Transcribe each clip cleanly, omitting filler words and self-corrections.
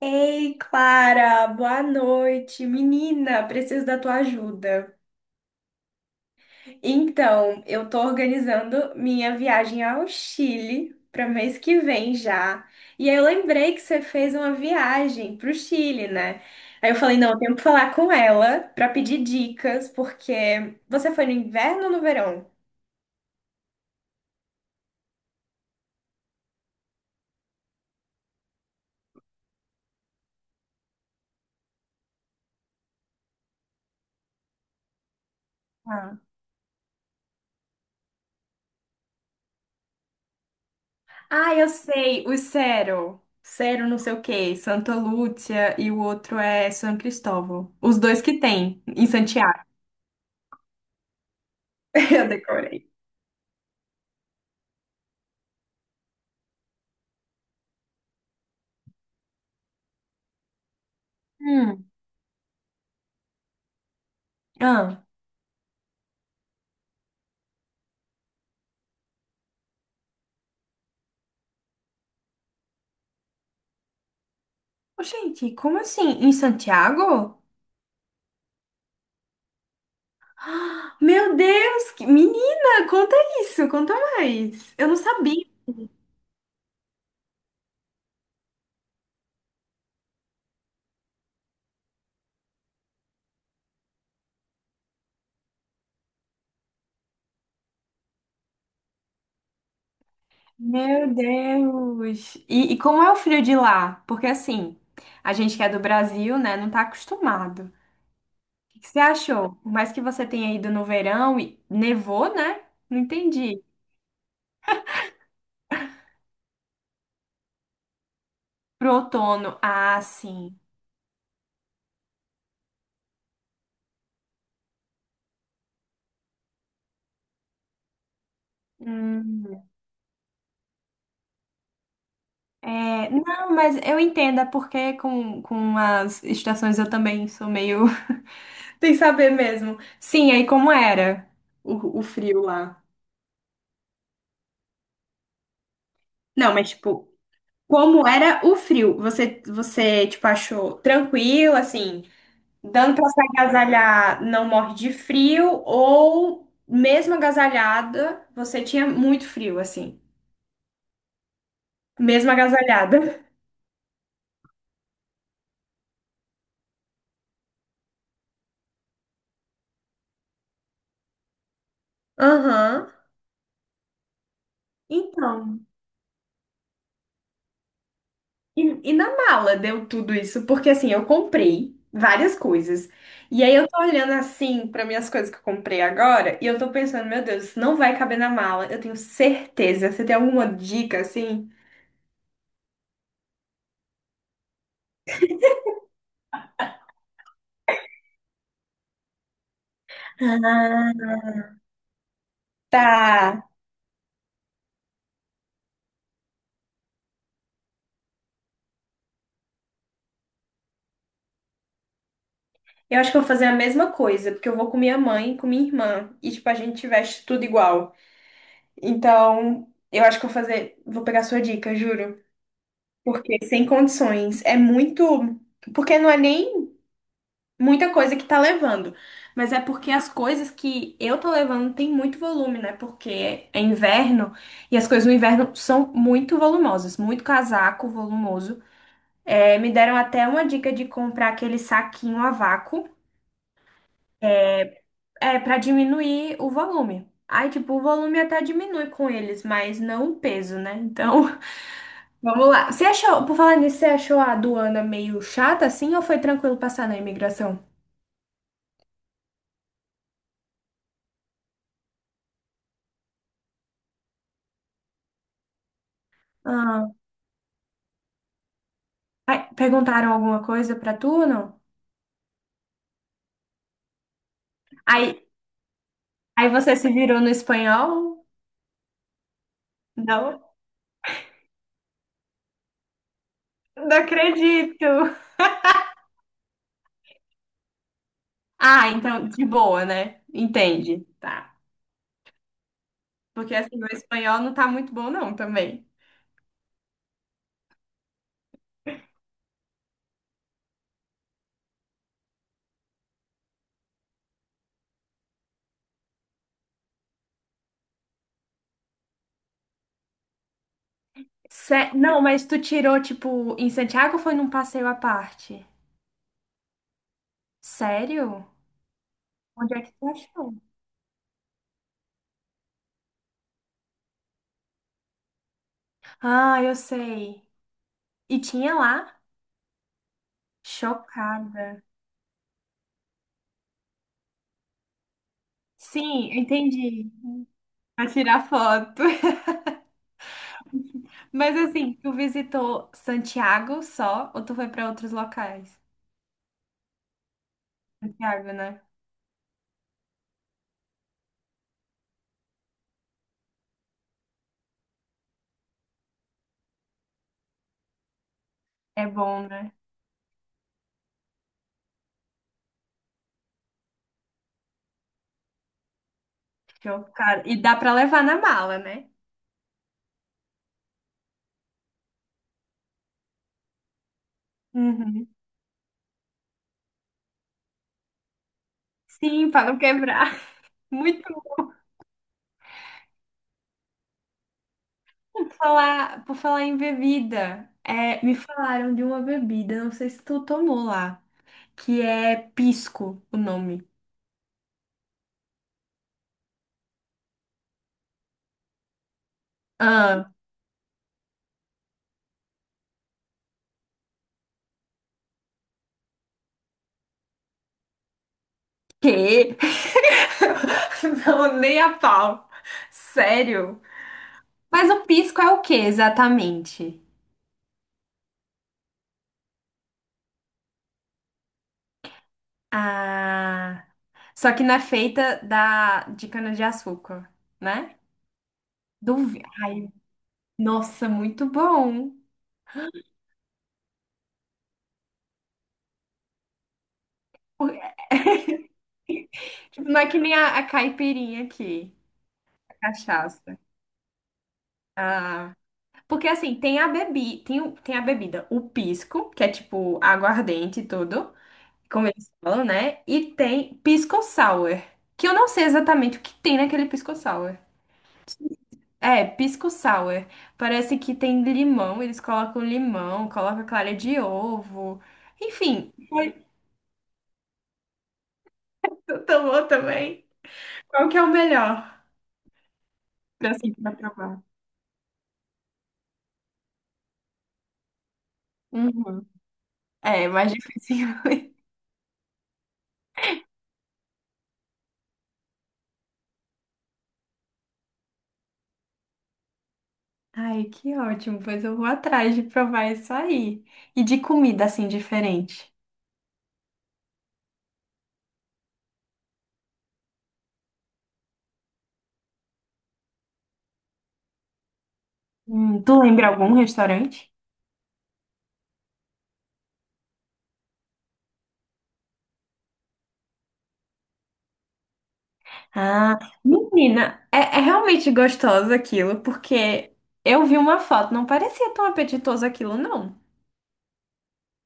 Ei, Clara, boa noite. Menina, preciso da tua ajuda. Então, eu tô organizando minha viagem ao Chile para mês que vem já. E aí eu lembrei que você fez uma viagem pro Chile, né? Aí eu falei, não, eu tenho que falar com ela para pedir dicas, porque você foi no inverno ou no verão? Ah. Ah, eu sei, o Cero. Cero não sei o quê, Santa Lúcia e o outro é São Cristóvão. Os dois que tem em Santiago. Eu decorei. Hum. Ah. Ô, gente, como assim? Em Santiago? Meu Deus, Menina, conta isso, conta mais. Eu não sabia. Meu Deus. E como é o frio de lá? Porque assim, a gente que é do Brasil, né, não tá acostumado. O que que você achou? Por mais que você tenha ido no verão e nevou, né? Não entendi. Pro outono. Ah, sim. Hum. É, não, mas eu entendo, é porque com as estações eu também sou meio sem saber mesmo. Sim, aí como era o frio lá? Não, mas tipo, como era o frio? Você tipo, achou tranquilo, assim, dando pra se agasalhar, não morre de frio, ou mesmo agasalhada, você tinha muito frio, assim, mesmo agasalhada? Aham. Então. E na mala deu tudo isso, porque assim, eu comprei várias coisas. E aí eu tô olhando assim para minhas coisas que eu comprei agora, e eu tô pensando, meu Deus, isso não vai caber na mala. Eu tenho certeza. Você tem alguma dica assim? Ah. Tá. Eu acho que eu vou fazer a mesma coisa, porque eu vou com minha mãe e com minha irmã, e tipo a gente veste tudo igual. Então, eu acho que eu vou fazer, vou pegar sua dica, juro, porque sem condições, é muito, porque não é nem muita coisa que tá levando. Mas é porque as coisas que eu tô levando tem muito volume, né? Porque é inverno e as coisas no inverno são muito volumosas, muito casaco volumoso. É, me deram até uma dica de comprar aquele saquinho a vácuo, é, para diminuir o volume. Aí, tipo, o volume até diminui com eles, mas não o peso, né? Então, vamos lá. Você achou, por falar nisso, você achou a aduana meio chata assim ou foi tranquilo passar na imigração? Ai, perguntaram alguma coisa pra tu, não? Aí, aí você se virou no espanhol? Não? Não acredito. Ah, então, de boa, né? Entende, tá. Porque assim, meu espanhol não tá muito bom, não, também. Não, mas tu tirou, tipo, em Santiago ou foi num passeio à parte? Sério? Onde é que tu achou? Ah, eu sei. E tinha lá? Chocada. Sim, eu entendi. Pra tirar foto. Mas assim, tu visitou Santiago só ou tu foi pra outros locais? Santiago, né? É bom, né? Show. Cara, e dá pra levar na mala, né? Uhum. Sim, pra não quebrar. Muito bom. Por falar em bebida, é, me falaram de uma bebida, não sei se tu tomou lá, que é pisco, o nome. Ah, quê? Não, nem a pau. Sério? Mas o pisco é o que exatamente? Ah. Só que não é feita da, de cana-de-açúcar, né? Ai, nossa, muito bom. Por- Tipo, não é que nem a caipirinha aqui, a cachaça. Ah, porque assim, tem a bebida, o pisco, que é tipo aguardente e tudo, como eles falam, né? E tem pisco sour, que eu não sei exatamente o que tem naquele pisco sour. É, pisco sour. Parece que tem limão, eles colocam limão, colocam clara de ovo. Enfim, tu tomou também. Qual que é o melhor pra, assim, pra provar? Uhum. É, mais difícil. Ai, que ótimo, pois eu vou atrás de provar isso aí. E de comida, assim, diferente. Tu lembra algum restaurante? Ah, menina, é realmente gostoso aquilo, porque eu vi uma foto, não parecia tão apetitoso aquilo, não.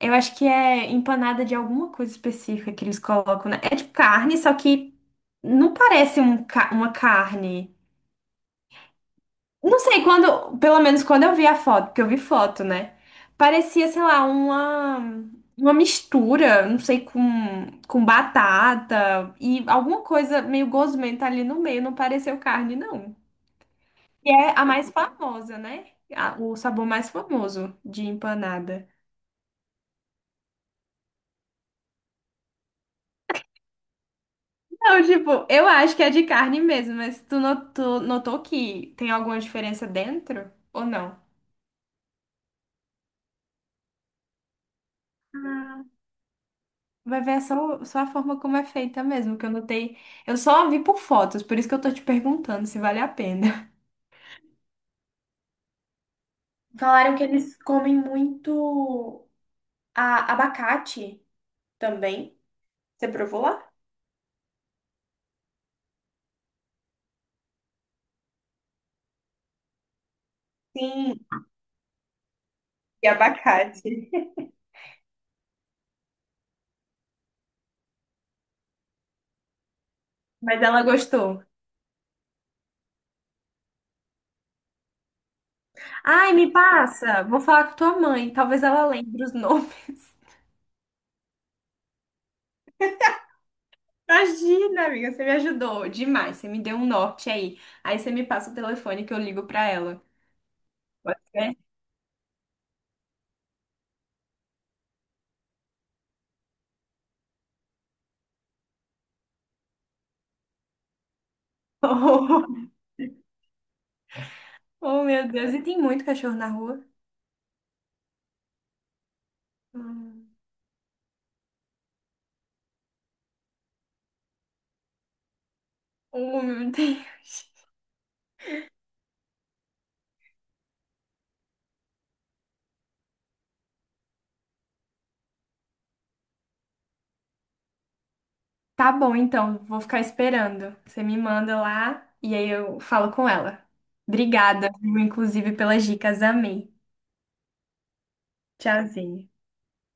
Eu acho que é empanada de alguma coisa específica que eles colocam, né? É tipo carne, só que não parece um uma carne. Não sei, quando, pelo menos quando eu vi a foto, porque eu vi foto, né? Parecia, sei lá, uma, mistura, não sei, com batata e alguma coisa meio gosmenta ali no meio, não pareceu carne, não. E é a mais famosa, né? O sabor mais famoso de empanada. Não, tipo, eu acho que é de carne mesmo, mas tu notou, notou que tem alguma diferença dentro ou não? Vai ver é só, só a forma como é feita mesmo, que eu notei. Eu só vi por fotos, por isso que eu tô te perguntando se vale a pena. Falaram que eles comem muito abacate também. Você provou lá? Sim, e abacate. Mas ela gostou. Ai, me passa, vou falar com tua mãe, talvez ela lembre os nomes. Imagina, amiga, você me ajudou demais. Você me deu um norte aí. Aí você me passa o telefone que eu ligo pra ela. Pode ser? Oh, meu Deus, e tem muito cachorro na rua? Hum. Oh, meu Deus. Tá bom, então, vou ficar esperando. Você me manda lá e aí eu falo com ela. Obrigada, viu, inclusive, pelas dicas. Amei. Tchauzinho.